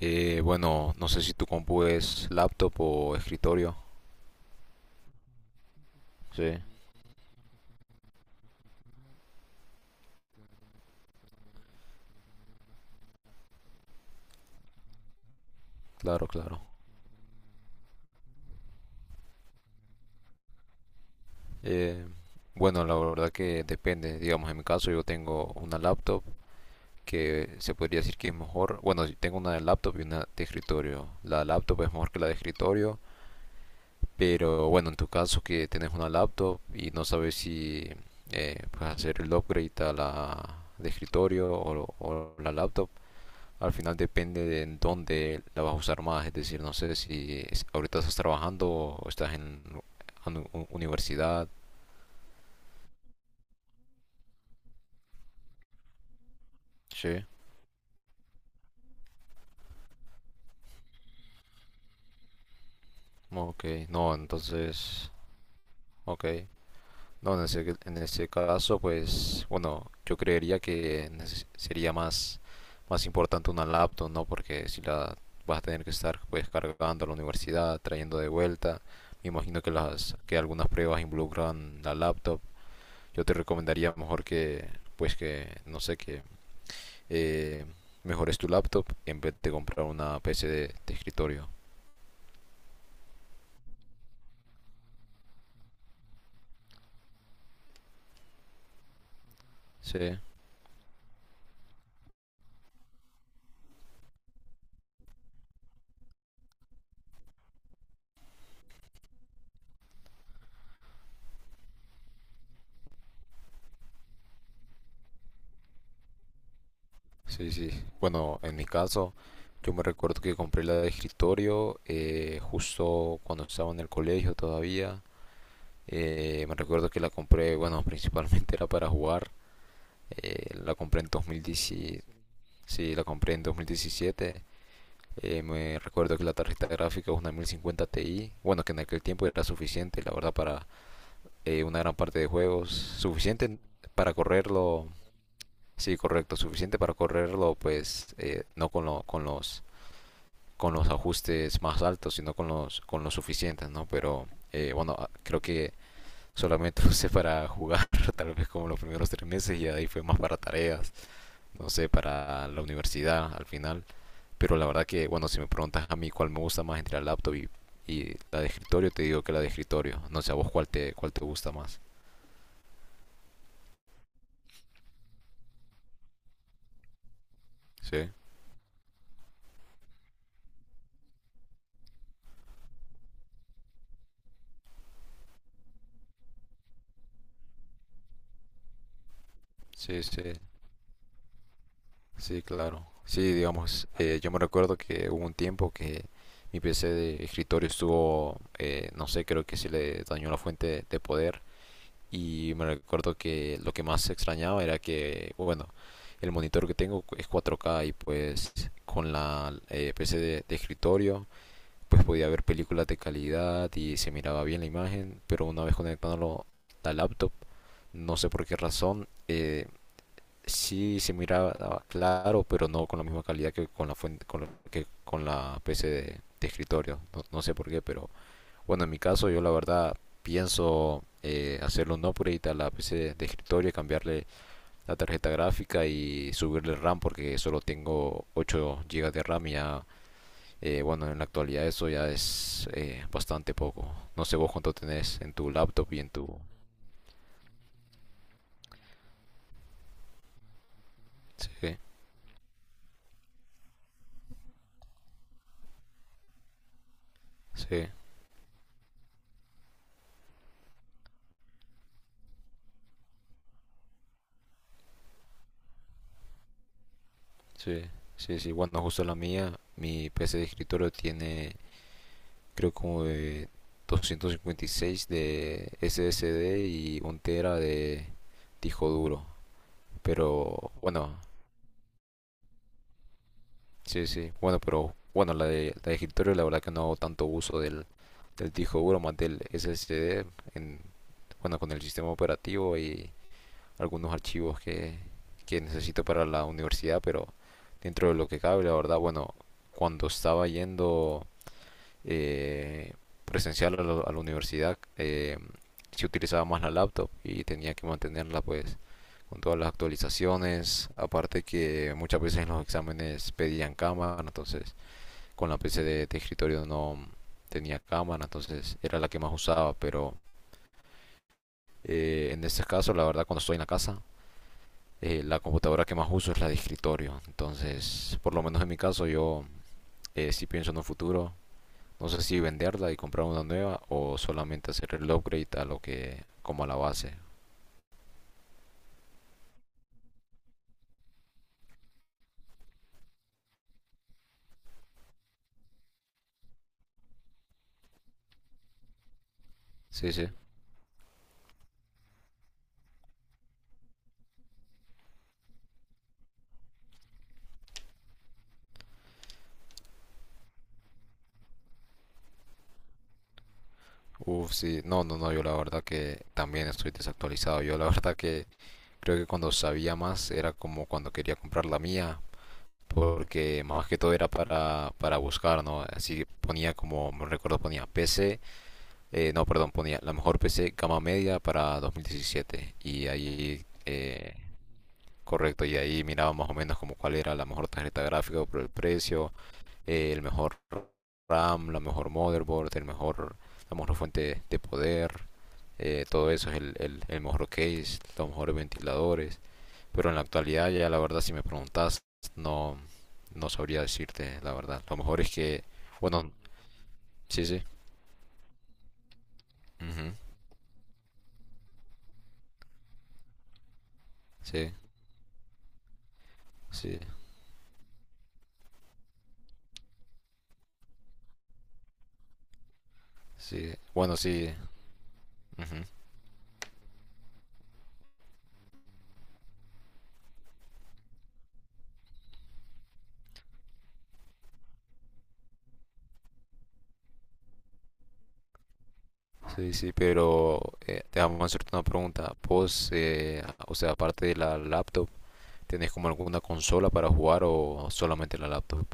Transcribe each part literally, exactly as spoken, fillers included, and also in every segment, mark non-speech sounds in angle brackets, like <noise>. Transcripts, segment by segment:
Eh, bueno, no sé si tu compu es laptop o escritorio. Sí, claro, claro. Eh, bueno, la verdad que depende. Digamos, en mi caso yo tengo una laptop que se podría decir que es mejor. Bueno, yo tengo una de laptop y una de escritorio. La laptop es mejor que la de escritorio, pero bueno, en tu caso que tienes una laptop y no sabes si eh, puedes hacer el upgrade a la de escritorio o, o la laptop. Al final depende de en dónde la vas a usar más, es decir, no sé si es- ahorita estás trabajando o estás en anu- u- universidad. Sí. Ok, no, entonces, ok. No, en ese, en ese caso, pues, bueno, yo creería que neces- sería más, más importante una laptop, ¿no? Porque si la vas a tener que estar, pues, cargando a la universidad, trayendo de vuelta, me imagino que las, que algunas pruebas involucran la laptop. Yo te recomendaría mejor que, pues que, no sé, que eh, mejores tu laptop en vez de comprar una P C de, de escritorio. Sí, sí, sí. Bueno, en mi caso, yo me recuerdo que compré la de escritorio eh, justo cuando estaba en el colegio todavía. Eh, me recuerdo que la compré, bueno, principalmente <laughs> era para jugar. Eh, la compré en dos mil diez. Sí, la compré en dos mil diecisiete. Eh, me recuerdo que la tarjeta gráfica es una mil cincuenta Ti, bueno, que en aquel tiempo era suficiente, la verdad, para eh, una gran parte de juegos, suficiente para correrlo, sí, correcto, suficiente para correrlo, pues eh, no con, lo- con los con los ajustes más altos, sino con los con los suficientes, ¿no? Pero eh, bueno, creo que solamente <laughs> lo usé para jugar, <laughs> tal vez como los primeros tres meses y ahí fue más para tareas, no sé, para la universidad al final. Pero la verdad que, bueno, si me preguntas a mí cuál me gusta más entre la laptop y, y la de escritorio, te digo que la de escritorio. No sé a vos cuál te, cuál te gusta más. Sí, sí, sí, sí, claro. Sí, digamos, eh, yo me recuerdo que hubo un tiempo que mi P C de escritorio estuvo, eh, no sé, creo que se le dañó la fuente de poder. Y me recuerdo que lo que más extrañaba era que, bueno, el monitor que tengo es cuatro K y pues con la eh, P C de, de escritorio pues podía ver películas de calidad y se miraba bien la imagen, pero una vez conectándolo a la laptop, no sé por qué razón, eh, sí se miraba claro, pero no con la misma calidad que con la fuente, con la, que con la P C de, de escritorio. No, no sé por qué, pero bueno, en mi caso yo la verdad pienso eh, hacerle un upgrade a la P C de de escritorio y cambiarle la tarjeta gráfica y subirle RAM porque solo tengo ocho gigas de RAM y ya eh, bueno, en la actualidad eso ya es eh, bastante poco. No sé vos cuánto tenés en tu laptop y en tu... Sí, sí, sí, sí, sí. Bueno, justo la mía, mi P C de escritorio tiene creo como de doscientos cincuenta y seis de S S D y un tera de disco duro. Pero bueno, sí, sí. Bueno, pero bueno, la de, la de escritorio la verdad que no hago tanto uso del, del disco duro más del S S D en, bueno, con el sistema operativo y algunos archivos que, que necesito para la universidad, pero dentro de lo que cabe, la verdad, bueno, cuando estaba yendo eh, presencial a, la- a la universidad, eh, sí utilizaba más la laptop y tenía que mantenerla pues con todas las actualizaciones, aparte que muchas veces en los exámenes pedían cámara, entonces con la P C de, de escritorio no tenía cámara, entonces era la que más usaba, pero eh, en este caso, la verdad, cuando estoy en la casa, eh, la computadora que más uso es la de escritorio. Entonces, por lo menos en mi caso, yo eh, sí pienso en un futuro. No sé si venderla y comprar una nueva o solamente hacer el upgrade a lo que, como a la base. Sí, sí. Uf, sí. No, no, no. Yo la verdad que también estoy desactualizado. Yo la verdad que creo que cuando sabía más era como cuando quería comprar la mía. Porque más que todo era para, para buscar, ¿no? Así que ponía como, me recuerdo, ponía P C. Eh, no, perdón, ponía la mejor P C gama media para dos mil diecisiete. Y ahí, eh, correcto, y ahí miraba más o menos como cuál era la mejor tarjeta gráfica por el precio, eh, el mejor RAM, la mejor motherboard, el mejor, la mejor fuente de poder, eh, todo eso es el, el, el mejor case, los mejores ventiladores. Pero en la actualidad, ya la verdad, si me preguntas, no, no sabría decirte la verdad. Lo mejor es que, bueno, sí, sí, ujú, sí, sí, sí. Bueno, sí, ujú. Sí, sí, pero eh, déjame hacerte una pregunta. ¿Vos, eh, o sea, aparte de la laptop, tenés como alguna consola para jugar o solamente la laptop?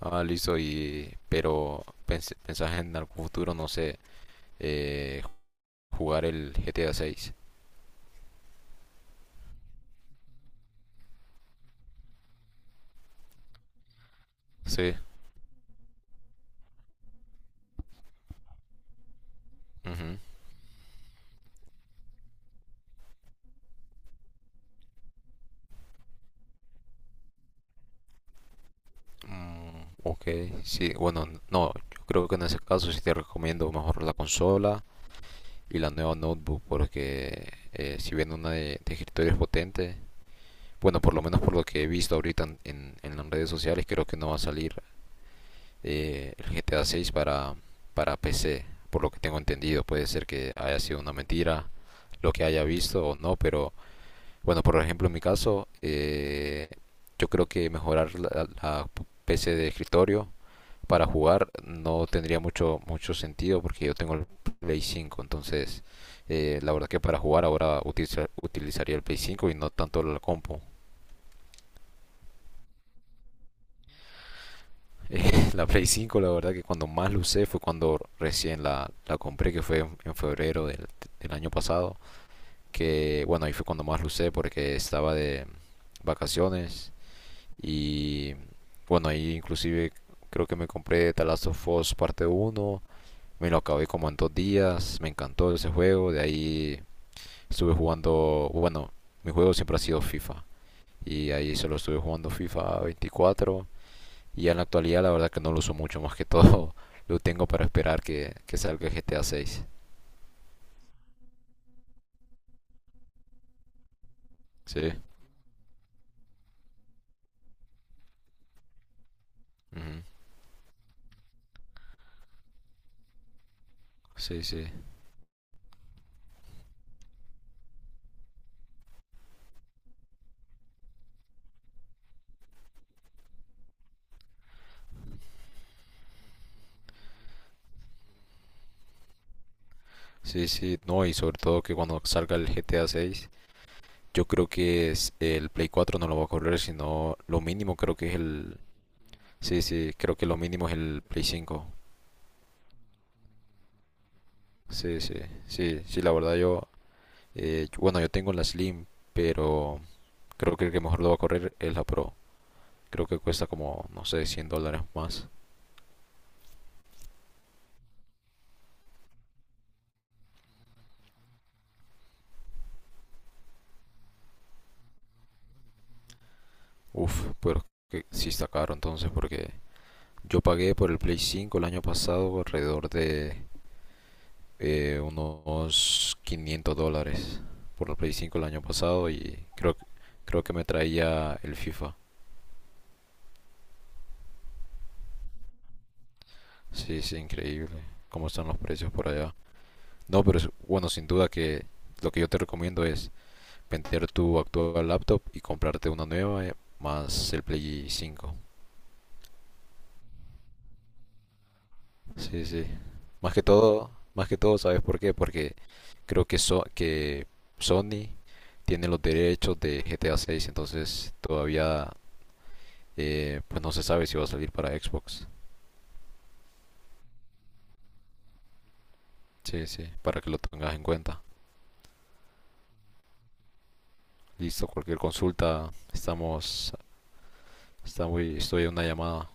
Ah, listo, y pero pens- pensás en algún futuro, no sé, eh, jugar el G T A seis. Sí. Ujú. Mm, ok, sí, bueno, n- no, yo creo que en ese caso sí te recomiendo mejor la consola y la nueva notebook porque eh, si bien una de, de escritorio es potente. Bueno, por lo menos por lo que he visto ahorita en, en- las redes sociales, creo que no va a salir eh, el G T A seis para, para P C. Por lo que tengo entendido, puede ser que haya sido una mentira lo que haya visto o no, pero bueno, por ejemplo, en mi caso, eh, yo creo que mejorar la, la P C de escritorio para jugar no tendría mucho, mucho sentido porque yo tengo el Play cinco, entonces eh, la verdad que para jugar ahora utiliza- utilizaría el Play cinco y no tanto la compu. Eh, <laughs> la Play cinco la verdad que cuando más lo usé fue cuando recién la, la compré, que fue en febrero del, del año pasado. Que bueno, ahí fue cuando más lo usé porque estaba de vacaciones. Y bueno, ahí inclusive creo que me compré The Last of Us parte uno. Me lo acabé como en dos días. Me encantó ese juego. De ahí estuve jugando, bueno, mi juego siempre ha sido FIFA. Y ahí solo estuve jugando FIFA veinticuatro y ya en la actualidad la verdad que no lo uso mucho, más que todo <laughs> lo tengo para esperar que, que salga G T A seis. Sí. Ujú. Sí, sí. Sí, sí. No, y sobre todo que cuando salga el G T A seis, yo creo que es- el Play cuatro no lo va a correr, sino lo mínimo creo que es el... Sí, sí, creo que lo mínimo es el Play cinco. Sí, sí, sí, sí, la verdad yo... eh, yo- bueno, yo tengo la Slim, pero creo que el que mejor lo va a correr es la Pro. Creo que cuesta como, no sé, cien dólares más. Uf, pero que sí está caro entonces porque yo pagué por el Play cinco el año pasado alrededor de eh, unos quinientos dólares por el Play cinco el año pasado y creo, que- creo que me traía el FIFA. Sí, sí, increíble cómo están los precios por allá. No, pero es- bueno, sin duda que lo que yo te recomiendo es vender tu actual laptop y comprarte una nueva eh, más el Play cinco. Sí, sí. Más que todo, más que todo, ¿sabes por qué? Porque creo que, so- que Sony tiene los derechos de G T A seis, entonces todavía eh, pues no se sabe si va a salir para Xbox. Sí, sí, para que lo tengas en cuenta. Listo, cualquier consulta, estamos, está muy, estoy en una llamada.